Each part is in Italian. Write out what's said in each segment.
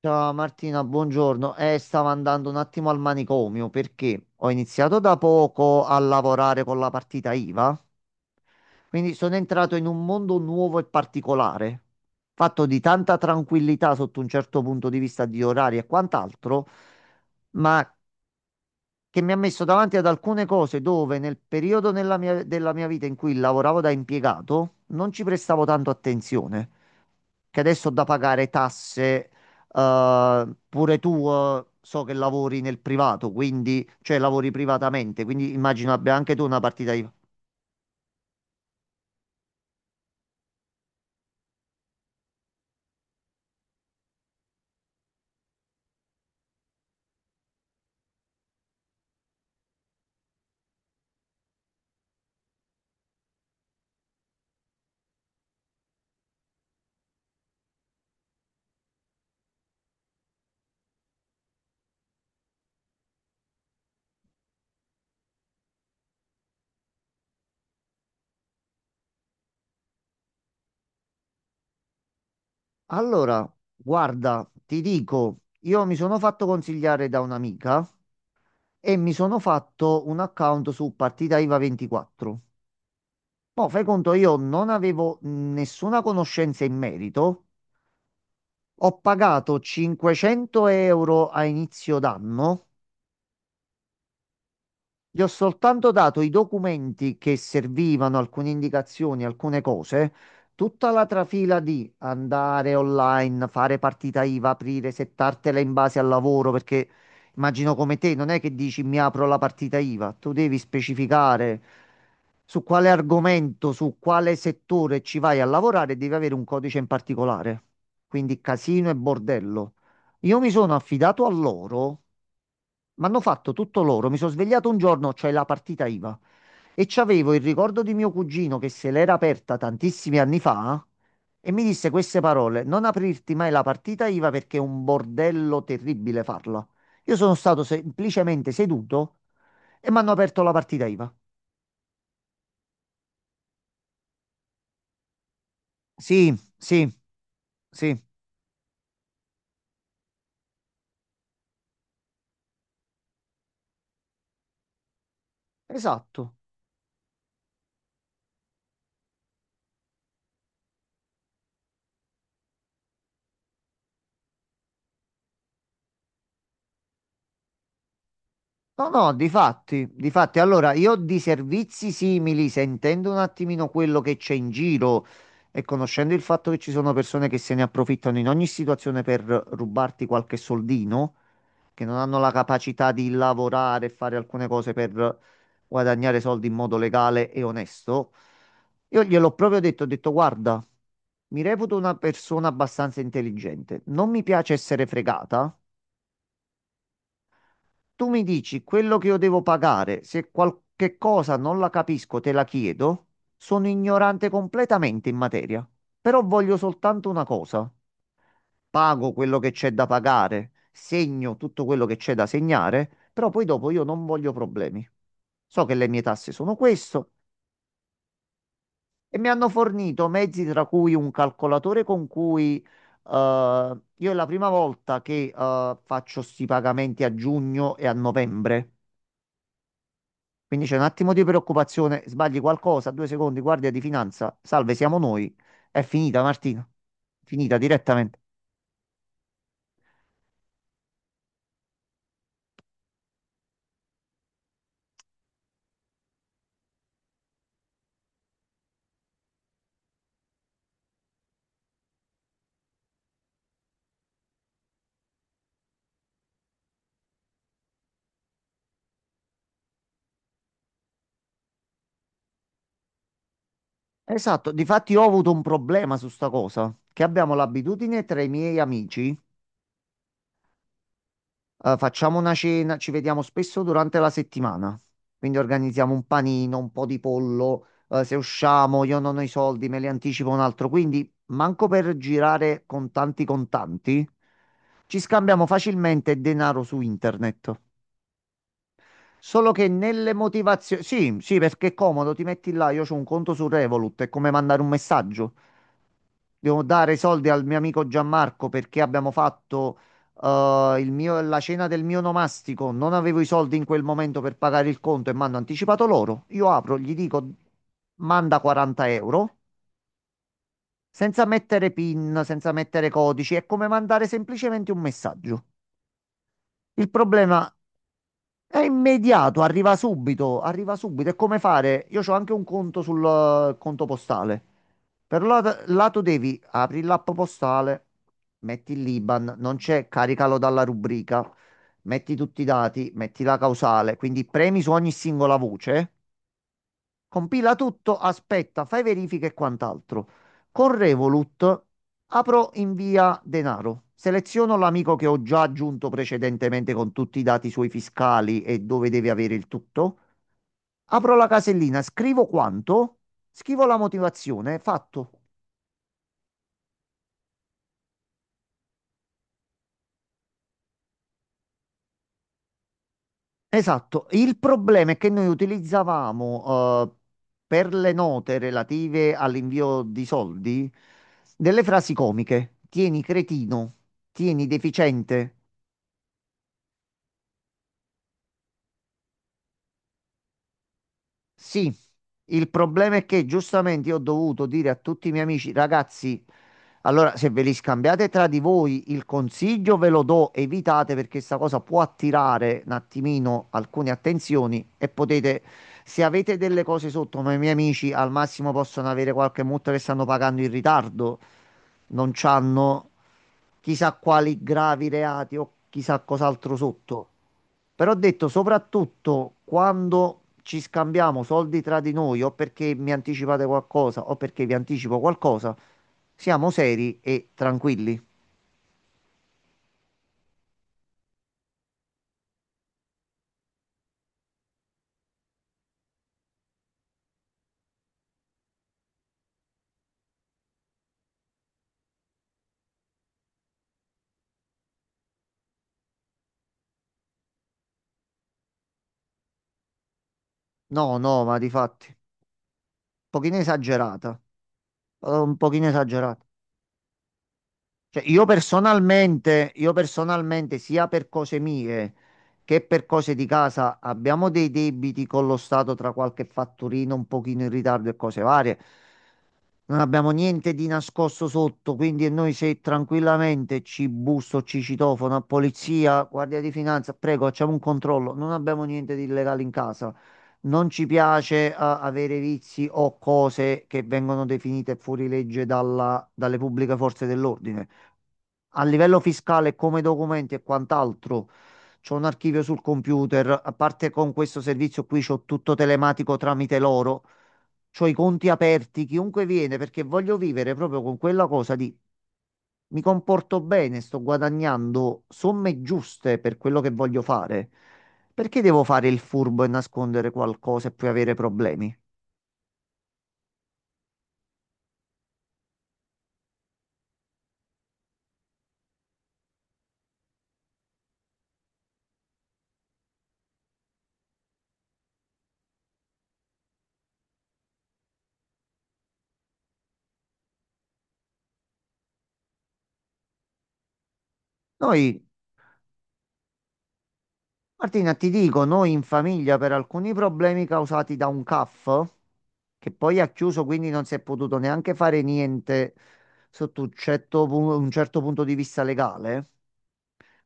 Ciao Martina, buongiorno. Stavo andando un attimo al manicomio perché ho iniziato da poco a lavorare con la partita IVA, quindi sono entrato in un mondo nuovo e particolare, fatto di tanta tranquillità sotto un certo punto di vista di orari e quant'altro, ma che mi ha messo davanti ad alcune cose dove nel periodo nella della mia vita in cui lavoravo da impiegato non ci prestavo tanto attenzione, che adesso ho da pagare tasse. Pure tu, so che lavori nel privato, quindi, cioè lavori privatamente, quindi immagino abbia anche tu una partita IVA. Allora, guarda, ti dico, io mi sono fatto consigliare da un'amica e mi sono fatto un account su partita IVA 24. Mo, fai conto, io non avevo nessuna conoscenza in merito. Ho pagato 500 euro a inizio d'anno. Gli ho soltanto dato i documenti che servivano, alcune indicazioni, alcune cose. Tutta la trafila di andare online, fare partita IVA, aprire, settartela in base al lavoro, perché immagino come te, non è che dici mi apro la partita IVA, tu devi specificare su quale argomento, su quale settore ci vai a lavorare, devi avere un codice in particolare. Quindi casino e bordello. Io mi sono affidato a loro, mi hanno fatto tutto loro. Mi sono svegliato un giorno, c'è la partita IVA, e c'avevo il ricordo di mio cugino che se l'era aperta tantissimi anni fa e mi disse queste parole: non aprirti mai la partita IVA perché è un bordello terribile farla. Io sono stato semplicemente seduto e mi hanno aperto la partita IVA. Sì, sì, sì, esatto. No, no, difatti, difatti, allora io di servizi simili, sentendo un attimino quello che c'è in giro e conoscendo il fatto che ci sono persone che se ne approfittano in ogni situazione per rubarti qualche soldino, che non hanno la capacità di lavorare e fare alcune cose per guadagnare soldi in modo legale e onesto, io gliel'ho proprio detto, ho detto, guarda, mi reputo una persona abbastanza intelligente, non mi piace essere fregata. Tu mi dici quello che io devo pagare, se qualche cosa non la capisco, te la chiedo. Sono ignorante completamente in materia, però voglio soltanto una cosa. Pago quello che c'è da pagare, segno tutto quello che c'è da segnare, però poi dopo io non voglio problemi. So che le mie tasse sono questo e mi hanno fornito mezzi tra cui un calcolatore con cui io è la prima volta che faccio sti pagamenti a giugno e a novembre. Quindi c'è un attimo di preoccupazione, sbagli qualcosa, due secondi, guardia di finanza, salve, siamo noi. È finita, Martina. Finita direttamente. Esatto, difatti ho avuto un problema su sta cosa, che abbiamo l'abitudine tra i miei amici, facciamo una cena, ci vediamo spesso durante la settimana. Quindi organizziamo un panino, un po' di pollo, se usciamo, io non ho i soldi, me li anticipo un altro. Quindi manco per girare con tanti contanti, ci scambiamo facilmente denaro su internet. Solo che nelle motivazioni... Sì, sì, perché è comodo, ti metti là, io ho un conto su Revolut, è come mandare un messaggio. Devo dare i soldi al mio amico Gianmarco perché abbiamo fatto la cena del mio nomastico, non avevo i soldi in quel momento per pagare il conto e mi hanno anticipato loro. Io apro, gli dico, manda 40 euro, senza mettere PIN, senza mettere codici, è come mandare semplicemente un messaggio. Il problema È immediato, arriva subito, arriva subito. È come fare? Io ho anche un conto sul conto postale. Lato devi apri l'app postale, metti il l'IBAN, non c'è, caricalo dalla rubrica, metti tutti i dati, metti la causale, quindi premi su ogni singola voce. Compila tutto, aspetta, fai verifiche e quant'altro. Con Revolut apro invia denaro. Seleziono l'amico che ho già aggiunto precedentemente con tutti i dati suoi fiscali e dove deve avere il tutto. Apro la casellina, scrivo quanto, scrivo la motivazione, fatto. Esatto. Il problema è che noi utilizzavamo per le note relative all'invio di soldi delle frasi comiche. Tieni cretino, tieni deficiente. Sì, il problema è che giustamente io ho dovuto dire a tutti i miei amici, ragazzi, allora se ve li scambiate tra di voi il consiglio ve lo do, evitate perché sta cosa può attirare un attimino alcune attenzioni e potete, se avete delle cose sotto, ma i miei amici al massimo possono avere qualche multa che stanno pagando in ritardo, non c'hanno chissà quali gravi reati o chissà cos'altro sotto. Però ho detto soprattutto quando ci scambiamo soldi tra di noi o perché mi anticipate qualcosa o perché vi anticipo qualcosa, siamo seri e tranquilli. No, no, ma di fatti, un pochino esagerata, un pochino esagerata. Cioè, io personalmente, sia per cose mie che per cose di casa, abbiamo dei debiti con lo Stato tra qualche fatturino un pochino in ritardo e cose varie. Non abbiamo niente di nascosto sotto, quindi noi se tranquillamente ci busso, ci citofono a polizia, guardia di finanza, prego, facciamo un controllo. Non abbiamo niente di illegale in casa. Non ci piace avere vizi o cose che vengono definite fuori legge dalle pubbliche forze dell'ordine. A livello fiscale, come documenti e quant'altro, c'ho un archivio sul computer, a parte con questo servizio qui c'ho tutto telematico tramite loro. C'ho i conti aperti, chiunque viene, perché voglio vivere proprio con quella cosa di mi comporto bene, sto guadagnando somme giuste per quello che voglio fare. Perché devo fare il furbo e nascondere qualcosa e poi avere problemi? Noi, Martina, ti dico, noi in famiglia per alcuni problemi causati da un CAF, che poi ha chiuso, quindi non si è potuto neanche fare niente sotto un certo punto di vista legale.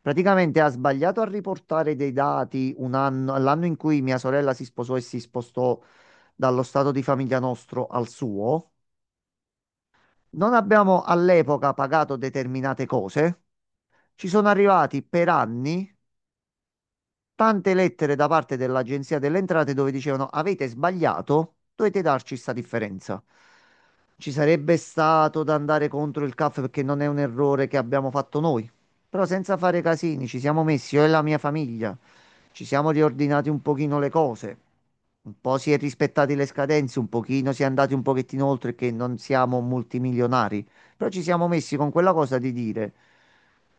Praticamente ha sbagliato a riportare dei dati un anno, l'anno in cui mia sorella si sposò e si spostò dallo stato di famiglia nostro al suo. Non abbiamo all'epoca pagato determinate cose. Ci sono arrivati per anni tante lettere da parte dell'Agenzia delle Entrate dove dicevano avete sbagliato, dovete darci sta differenza. Ci sarebbe stato da andare contro il CAF perché non è un errore che abbiamo fatto noi. Però senza fare casini, ci siamo messi io e la mia famiglia, ci siamo riordinati un pochino le cose. Un po' si è rispettati le scadenze, un pochino si è andati un pochettino oltre che non siamo multimilionari, però ci siamo messi con quella cosa di dire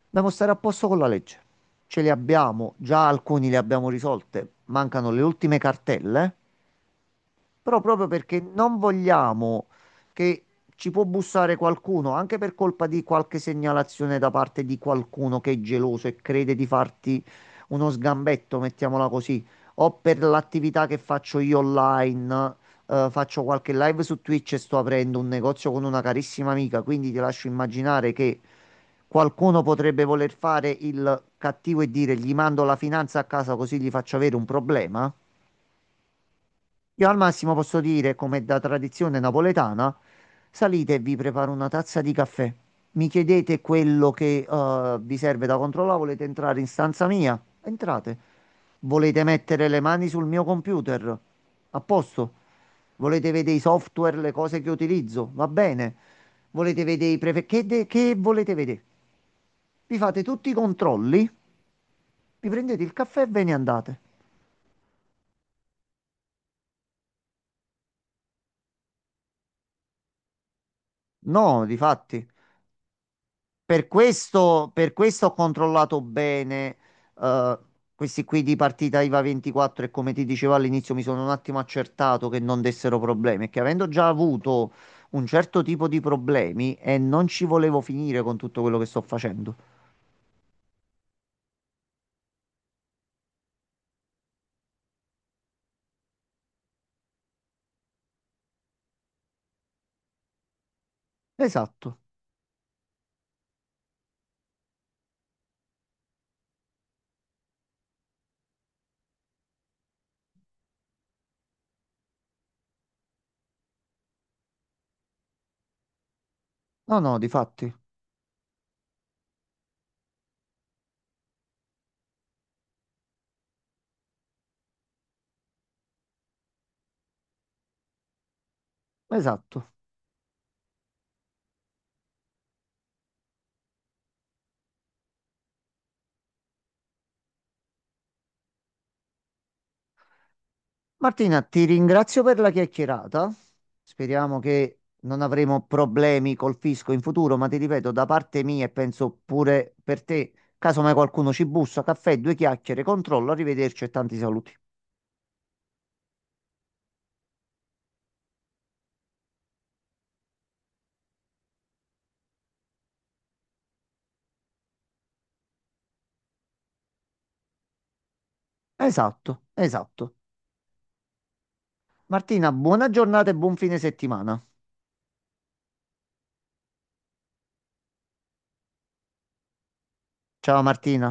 dobbiamo stare a posto con la legge, ce li abbiamo, già alcuni li abbiamo risolte, mancano le ultime cartelle. Però proprio perché non vogliamo che ci può bussare qualcuno, anche per colpa di qualche segnalazione da parte di qualcuno che è geloso e crede di farti uno sgambetto, mettiamola così, o per l'attività che faccio io online, faccio qualche live su Twitch e sto aprendo un negozio con una carissima amica, quindi ti lascio immaginare che qualcuno potrebbe voler fare il cattivo e dire gli mando la finanza a casa così gli faccio avere un problema. Io al massimo posso dire, come da tradizione napoletana, salite e vi preparo una tazza di caffè. Mi chiedete quello che vi serve da controllare, volete entrare in stanza mia? Entrate. Volete mettere le mani sul mio computer? A posto. Volete vedere i software, le cose che utilizzo? Va bene. Volete vedere i prefe... Che, che volete vedere? Vi fate tutti i controlli, vi prendete il caffè e ve ne andate. No, difatti. Per questo ho controllato bene, eh, questi qui di partita IVA 24 e come ti dicevo all'inizio mi sono un attimo accertato che non dessero problemi, che avendo già avuto un certo tipo di problemi e non ci volevo finire con tutto quello che sto facendo. Esatto. No, no, di fatti. Esatto. Martina, ti ringrazio per la chiacchierata. Speriamo che non avremo problemi col fisco in futuro, ma ti ripeto, da parte mia e penso pure per te, caso mai qualcuno ci bussa, caffè, due chiacchiere, controllo, arrivederci e tanti saluti. Esatto, esatto. Martina, buona giornata e buon fine settimana. Ciao Martina.